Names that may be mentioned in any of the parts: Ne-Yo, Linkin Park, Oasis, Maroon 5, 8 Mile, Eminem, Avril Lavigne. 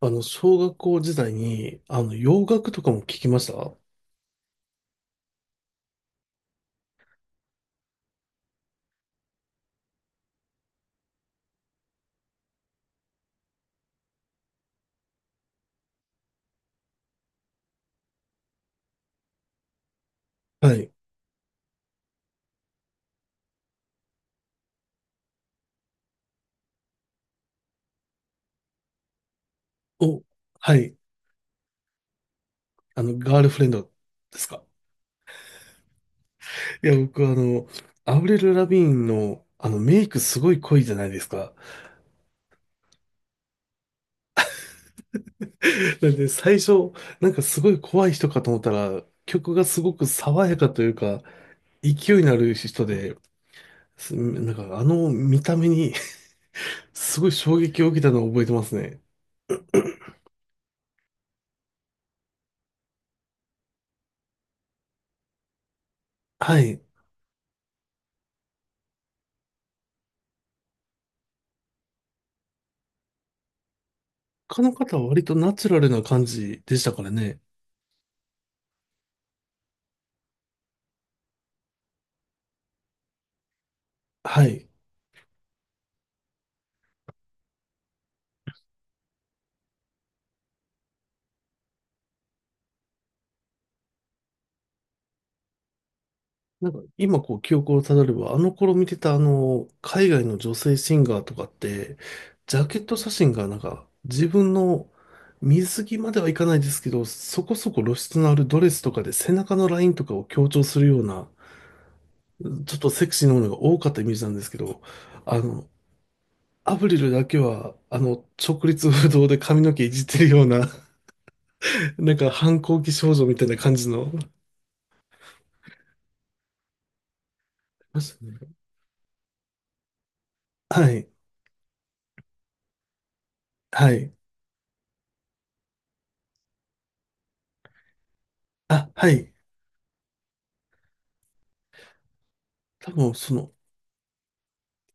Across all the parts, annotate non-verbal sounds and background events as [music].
小学校時代に、洋楽とかも聞きました。はい。お、はい。ガールフレンドですか。いや、僕、アブレル・ラビーンの、メイクすごい濃いじゃないですか。[laughs] なんで、最初、なんかすごい怖い人かと思ったら、曲がすごく爽やかというか、勢いのある人で、なんか、あの見た目に [laughs] すごい衝撃を受けたのを覚えてますね。はい。他の方は割とナチュラルな感じでしたからね。はい。なんか今こう記憶をたどれば、あの頃見てたあの、海外の女性シンガーとかって、ジャケット写真がなんか自分の水着まではいかないですけど、そこそこ露出のあるドレスとかで背中のラインとかを強調するような、ちょっとセクシーなものが多かったイメージなんですけど、あの、アブリルだけは、直立不動で髪の毛いじってるような、なんか反抗期少女みたいな感じの、はい、はい。あ、はい。多分、その、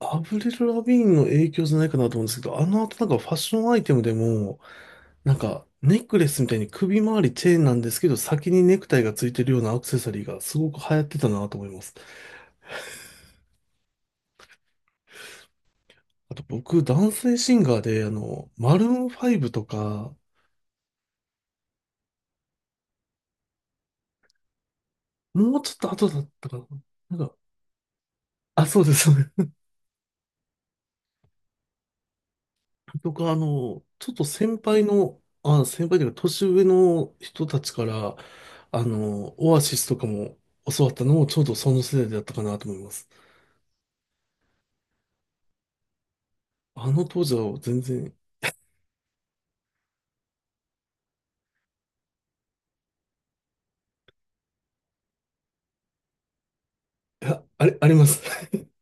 アブリル・ラビーンの影響じゃないかなと思うんですけど、あの後なんかファッションアイテムでも、なんか、ネックレスみたいに首周りチェーンなんですけど、先にネクタイがついてるようなアクセサリーがすごく流行ってたなと思います。あと僕、男性シンガーで、マルーン5とか、もうちょっと後だったかな。なんか、あ、そうです。そう、僕はあの、ちょっと先輩の、あ、先輩というか年上の人たちから、オアシスとかも教わったのもちょうどその世代だったかなと思います。あの当時は全然、いや、あれ、あります。[laughs]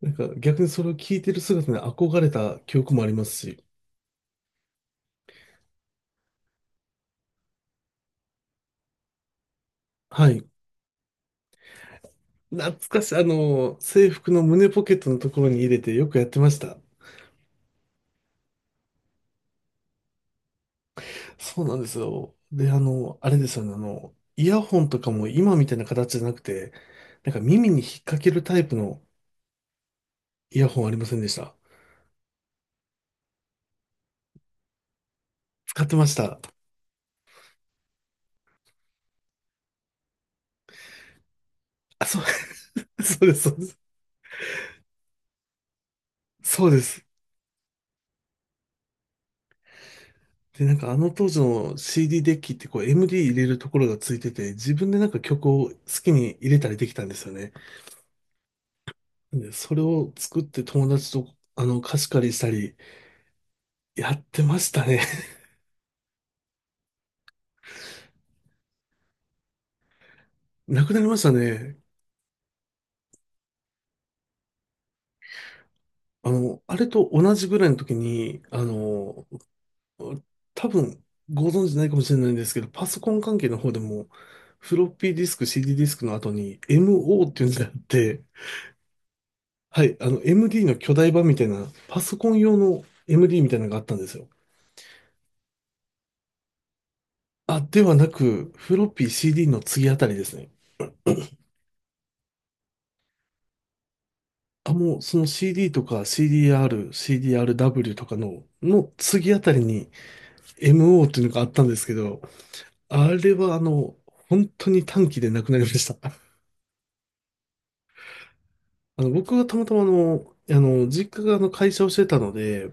なんか逆にそれを聞いてる姿に憧れた記憶もありますし、はい。懐かしい、制服の胸ポケットのところに入れてよくやってました。そうなんですよ。で、あれですよね、イヤホンとかも今みたいな形じゃなくて、なんか耳に引っ掛けるタイプのイヤホンありませんでした。使ってました。あ、そう、[laughs] そうです、そうです。そうです。で、なんかあの当時の CD ディーデッキってこう MD 入れるところがついてて、自分でなんか曲を好きに入れたりできたんですよね。で、それを作って友達とあの貸し借りしたりやってましたね。[laughs] なくなりましたね。あれと同じぐらいの時に、多分ご存知ないかもしれないんですけど、パソコン関係の方でも、フロッピーディスク、CD ディーディスクの後に MO っていうのがあって、はい、あの MD の巨大版みたいな、パソコン用の MD みたいなのがあったんですよ。あ、ではなく、フロッピー CD の次あたりですね。あ、もうその CD とか CDR、CDRW とかの、の次あたりに MO っていうのがあったんですけど、あれはあの、本当に短期でなくなりました。僕がたまたま実家があの会社をしてたので、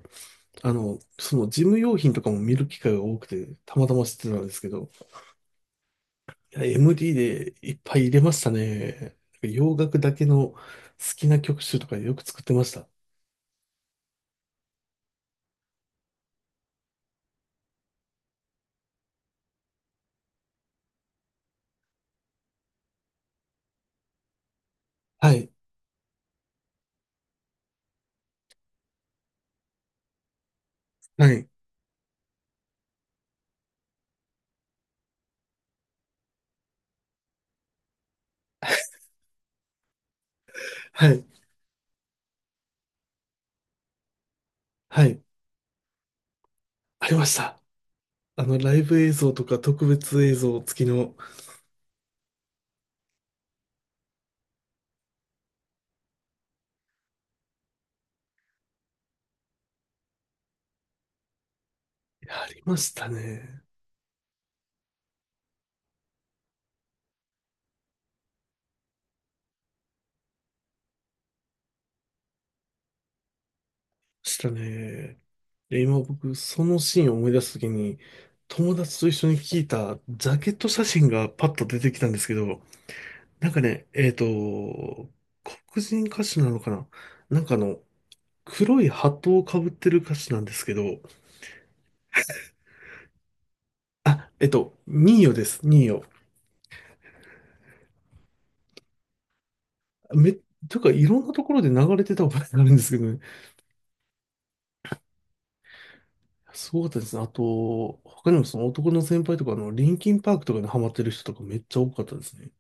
その事務用品とかも見る機会が多くて、たまたま知ってたんですけど、いや、MD でいっぱい入れましたね。洋楽だけの好きな曲集とかよく作ってました。はい、はい、はい、はい、ありました。ライブ映像とか特別映像付きの、いやありましたね。したね。で、今僕、そのシーンを思い出すときに、友達と一緒に聞いたジャケット写真がパッと出てきたんですけど、なんかね、黒人歌手なのかな、なんかあの、黒いハットをかぶってる歌手なんですけど、あ、ニーヨです、ニーヨ。め、というか、いろんなところで流れてた覚えがあるんですけどね。すごかったですね。あと、他にもその男の先輩とか、リンキンパークとかにハマってる人とかめっちゃ多かったですね。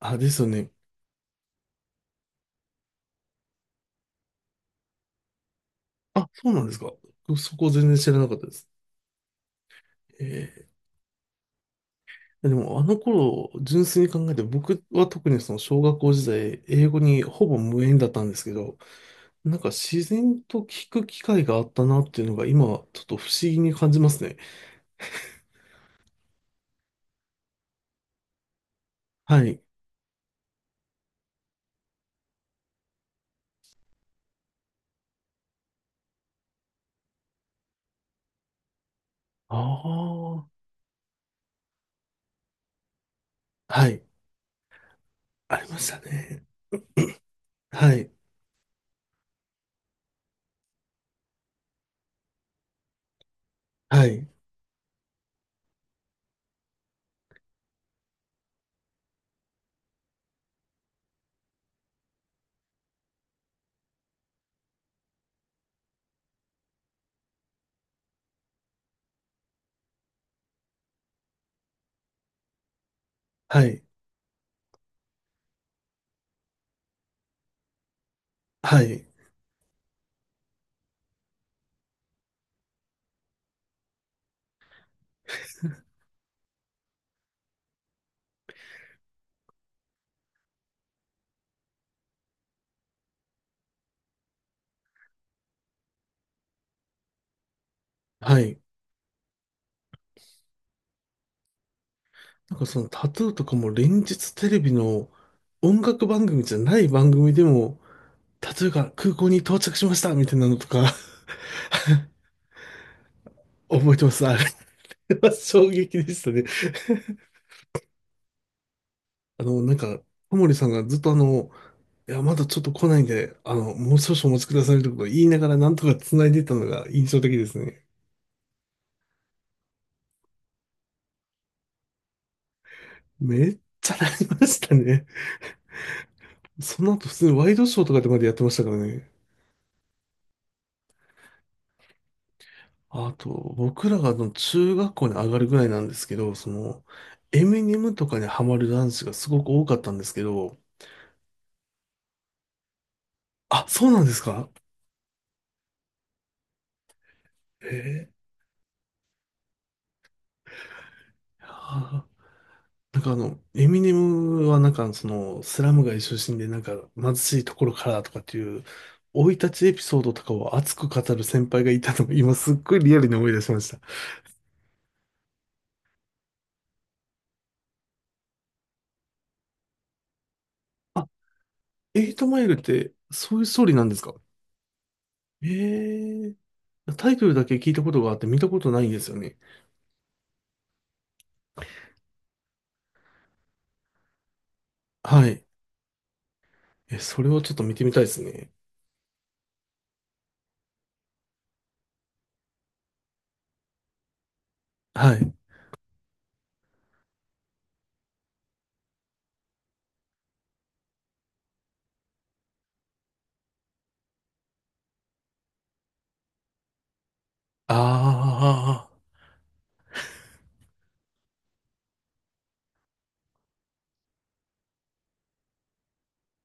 あ、ですよね。あ、そうなんですか。そこ全然知らなかったです。えでもあの頃、純粋に考えて、僕は特にその小学校時代、英語にほぼ無縁だったんですけど、なんか自然と聞く機会があったなっていうのが今、ちょっと不思議に感じますね。はい。ああ。はい。ありましたね。はい。はい。はい。はい。はい。なんかそのタトゥーとかも連日テレビの音楽番組じゃない番組でも例えば空港に到着しましたみたいなのとか [laughs] 覚えてます。あれは [laughs] 衝撃でしたね。なんか、小森さんがずっとあの、いや、まだちょっと来ないんで、もう少々お待ちくださいことか言いながらなんとか繋いでたのが印象的ですね。めっちゃなりましたね。その後普通にワイドショーとかでまでやってましたからね。あと、僕らがあの中学校に上がるぐらいなんですけど、その、エミネムとかにハマる男子がすごく多かったんですけど、あ、そうなんですか。へー、なんかあの、エミネムはなんかその、スラム街出身でなんか貧しいところからとかっていう、生い立ちエピソードとかを熱く語る先輩がいたのを今すっごいリアルに思い出しました。あ、エイトマイルってそういうストーリーなんですか。ええータイトルだけ聞いたことがあって見たことないんですよね。はい。え、それをちょっと見てみたいですね。はい。ああ。